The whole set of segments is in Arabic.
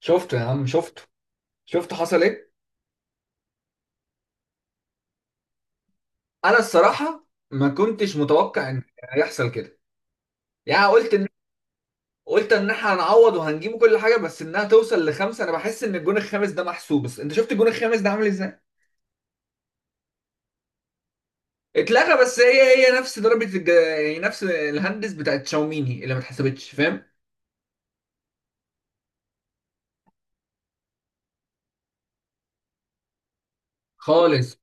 شفته يا عم شفته. شفت حصل ايه. انا الصراحه ما كنتش متوقع ان هيحصل كده. يعني قلت ان احنا هنعوض وهنجيبه كل حاجه بس انها توصل لخمسه. انا بحس ان الجون الخامس ده محسوب بس انت شفت الجون الخامس ده عامل ازاي. اتلغى، بس هي نفس يعني نفس الهندس بتاعت شاوميني اللي ما اتحسبتش. فاهم. خالص.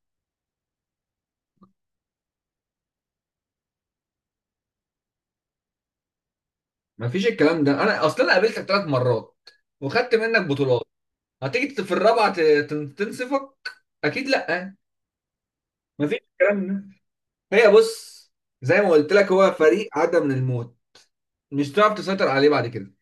ما فيش الكلام ده، انا اصلا قابلتك 3 مرات وخدت منك بطولات. هتيجي في الرابعه تنصفك؟ اكيد لا. ما فيش الكلام ده. هي بص، زي ما قلت لك هو فريق عدى من الموت، مش هتعرف تسيطر عليه بعد كده.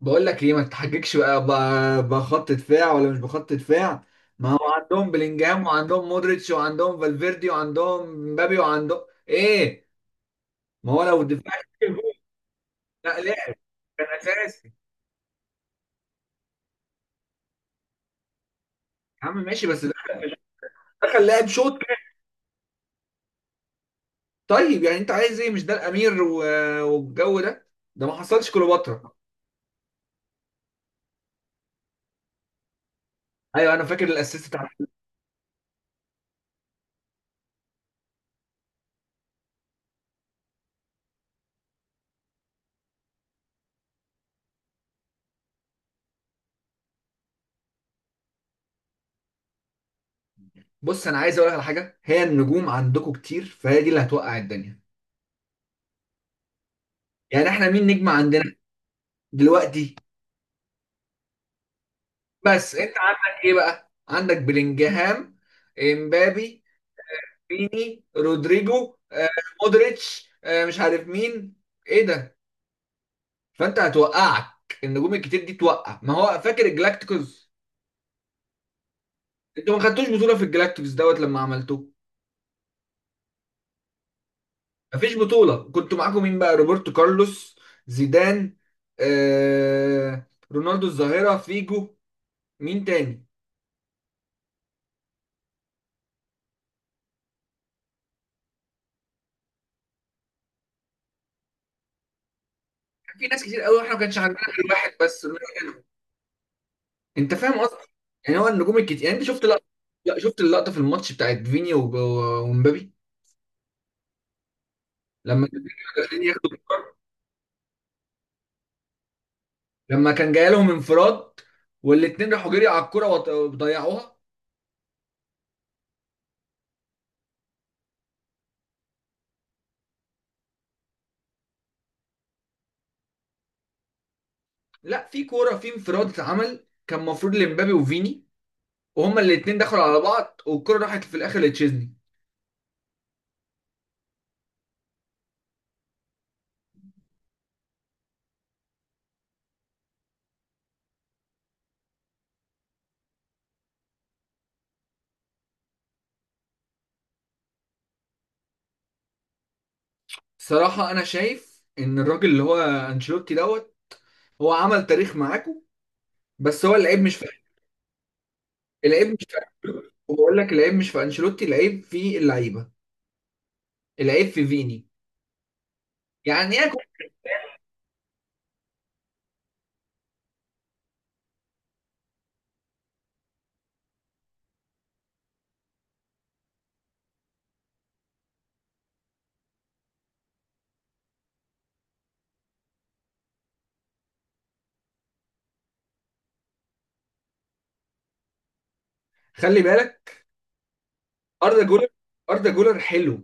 بقول لك ليه ما تتحججش بقى بخط دفاع ولا مش بخط دفاع. ما هو عندهم بلينجهام وعندهم مودريتش وعندهم فالفيردي وعندهم مبابي وعندهم ايه. ما هو لو الدفاع كان جول، لا لا كان اساسي يا عم. ماشي بس ده دخل لاعب شوط كده. طيب يعني انت عايز ايه؟ مش ده الامير والجو ده؟ ده ما حصلش كليوباترا. ايوه، انا فاكر الاسيست. بص، انا عايز اقول لك على حاجه، هي النجوم عندكم كتير فهي دي اللي هتوقع الدنيا. يعني احنا مين نجم عندنا دلوقتي؟ بس انت عندك ايه بقى؟ عندك بلينجهام، امبابي، فيني، رودريجو، مودريتش، مش عارف مين، ايه ده. فانت هتوقعك النجوم الكتير دي توقع، ما هو فاكر الجلاكتيكوس. انتوا ما خدتوش بطوله في الجلاكتيكوس دوت لما عملتوه. مفيش بطوله. كنتوا معاكم مين بقى؟ روبرتو كارلوس، زيدان، آه رونالدو الظاهره، فيجو. مين تاني؟ كان في ناس كتير قوي، واحنا ما كانش عندنا غير واحد بس اللي هو انت فاهم قصدي؟ يعني هو النجوم الكتير. يعني انت شفت لقطه؟ لا، شفت اللقطه في الماتش بتاعت فيني ومبابي؟ لما كان فيني داخلين ياخدوا الكرة؟ لما كان جاي لهم انفراد والاثنين راحوا جري على الكوره وضيعوها. لا، في كوره، في انفراد اتعمل كان المفروض لمبابي وفيني، وهما الاثنين دخلوا على بعض والكوره راحت في الاخر لتشيزني. صراحه انا شايف ان الراجل اللي هو انشيلوتي دوت هو عمل تاريخ معاكم، بس هو اللعيب مش العيب مش في. وبقول لك العيب مش في انشيلوتي، العيب في اللعيبه، العيب في فيني. يعني ايه خلي بالك اردا جولر اردا جولر حلو.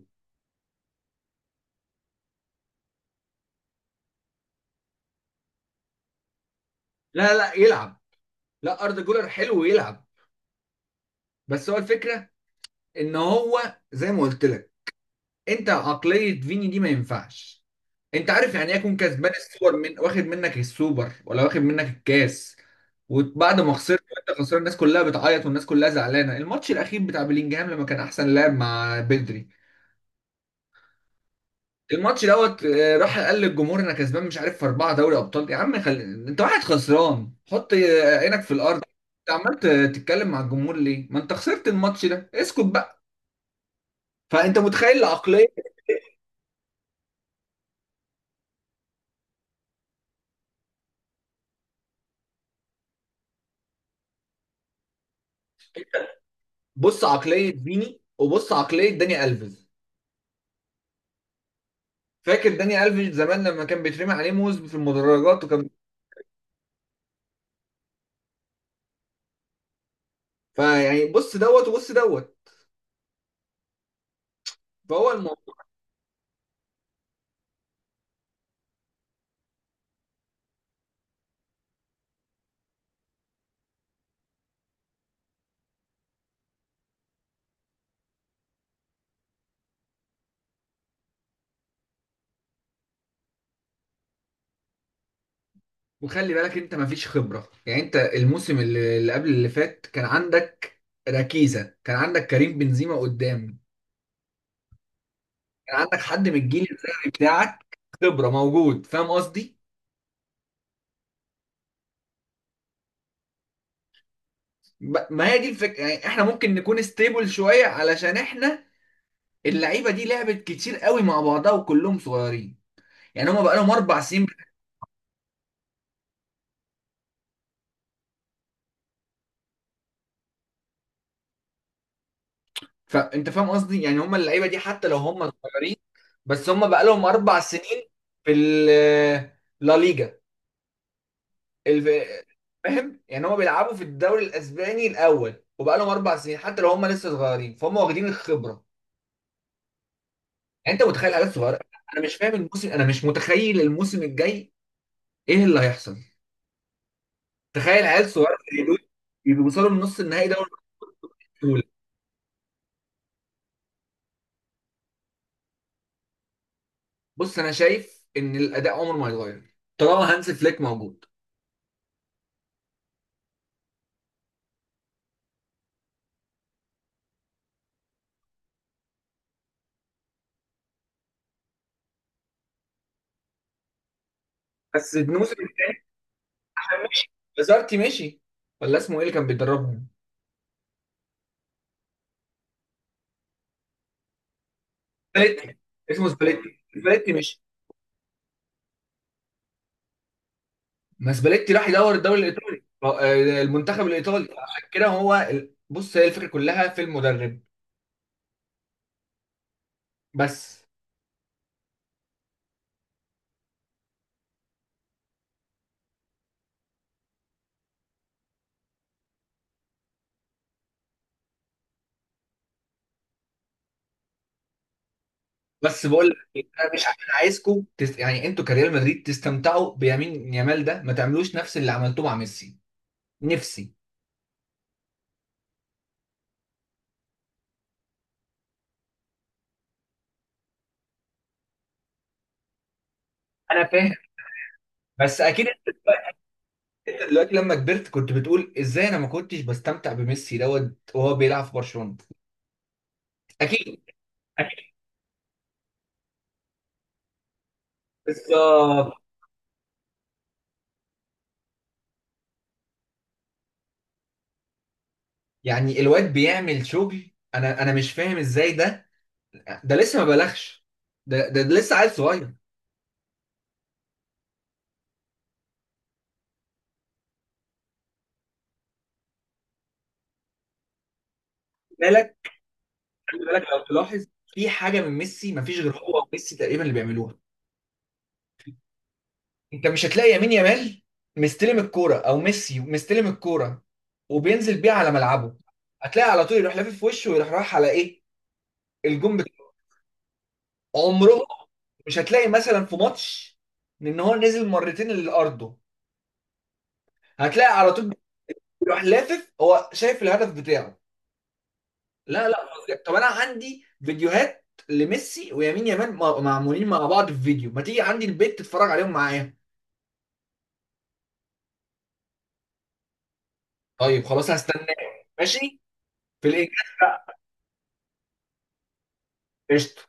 لا لا، يلعب. لا، اردا جولر حلو ويلعب. بس هو الفكره، ان هو زي ما قلت لك، انت عقليه فيني دي ما ينفعش. انت عارف يعني ايه يكون كسبان السوبر، من واخد منك السوبر ولا واخد منك الكاس، وبعد ما خسرت وانت خسران الناس كلها بتعيط والناس كلها زعلانه، الماتش الاخير بتاع بلينجهام لما كان احسن لاعب مع بدري، الماتش دوت راح قال للجمهور انا كسبان مش عارف في اربعه دوري ابطال؟ يا عم خلي، انت واحد خسران، حط عينك في الارض. انت عمال تتكلم مع الجمهور ليه؟ ما انت خسرت الماتش ده، اسكت بقى. فانت متخيل العقليه. بص عقليه فيني وبص عقليه داني الفيز. فاكر داني الفيز زمان لما كان بيترمي عليه موز في المدرجات وكان. فيعني بص دوت وبص دوت، فهو الموضوع. وخلي بالك انت مفيش خبره. يعني انت الموسم اللي قبل اللي فات كان عندك ركيزة، كان عندك كريم بنزيما قدام، كان عندك حد من الجيل الذهبي بتاعك، خبره موجود. فاهم قصدي؟ ما هي دي الفكره. يعني احنا ممكن نكون ستيبل شويه، علشان احنا اللعيبه دي لعبت كتير قوي مع بعضها وكلهم صغيرين، يعني هم بقى لهم 4 سنين. فانت فاهم قصدي؟ يعني هم اللعيبه دي حتى لو هم صغيرين بس هم بقى لهم 4 سنين في لا ليجا ال- فاهم. يعني هم بيلعبوا في الدوري الاسباني الاول وبقى لهم 4 سنين، حتى لو هم لسه صغيرين فهم واخدين الخبره. يعني انت متخيل عيال صغيره؟ انا مش متخيل الموسم الجاي، ايه اللي هيحصل؟ تخيل عيال صغيره زي دول يوصلوا لنص النهائي دوري البطوله. بص انا شايف ان الاداء عمره ما يتغير طالما هانز فليك موجود. بس الموسم الجاي، عشان مشي بازارتي. مشي ولا اسمه ايه اللي كان بيدربهم؟ سباليتي. اسمه سباليتي. سباليتي مشي. ما سباليتي راح يدور الدوري الايطالي، المنتخب الايطالي، عشان كده هو بص، هي الفكره كلها في المدرب. بس بس بقول لك إيه، انا مش انا عايزكم يعني انتوا كريال مدريد تستمتعوا بيمين يامال ده، ما تعملوش نفس اللي عملتوه مع ميسي. نفسي. انا فاهم بس اكيد. انت دلوقتي لما كبرت كنت بتقول ازاي انا ما كنتش بستمتع بميسي دوت وهو بيلعب في برشلونة؟ اكيد، اكيد. بالظبط. يعني الواد بيعمل شغل، انا مش فاهم ازاي ده، ده لسه ما بلغش، ده لسه عيل صغير. بالك خلي بالك لو تلاحظ في حاجه من ميسي، ما فيش غير هو وميسي تقريبا اللي بيعملوها. انت مش هتلاقي يمين يامال مستلم الكوره او ميسي مستلم الكوره وبينزل بيها على ملعبه. هتلاقي على طول يروح لافف في وشه ويروح رايح على ايه، الجون عمره. مش هتلاقي مثلا في ماتش ان هو نزل مرتين لارضه، هتلاقي على طول بيروح لافف هو شايف الهدف بتاعه. لا لا، فظيع. طب انا عندي فيديوهات لميسي ويمين يامال معمولين مع بعض في فيديو، ما تيجي عندي البيت تتفرج عليهم معايا؟ طيب خلاص، هستناك ماشي. في الإنجاز. قشطة.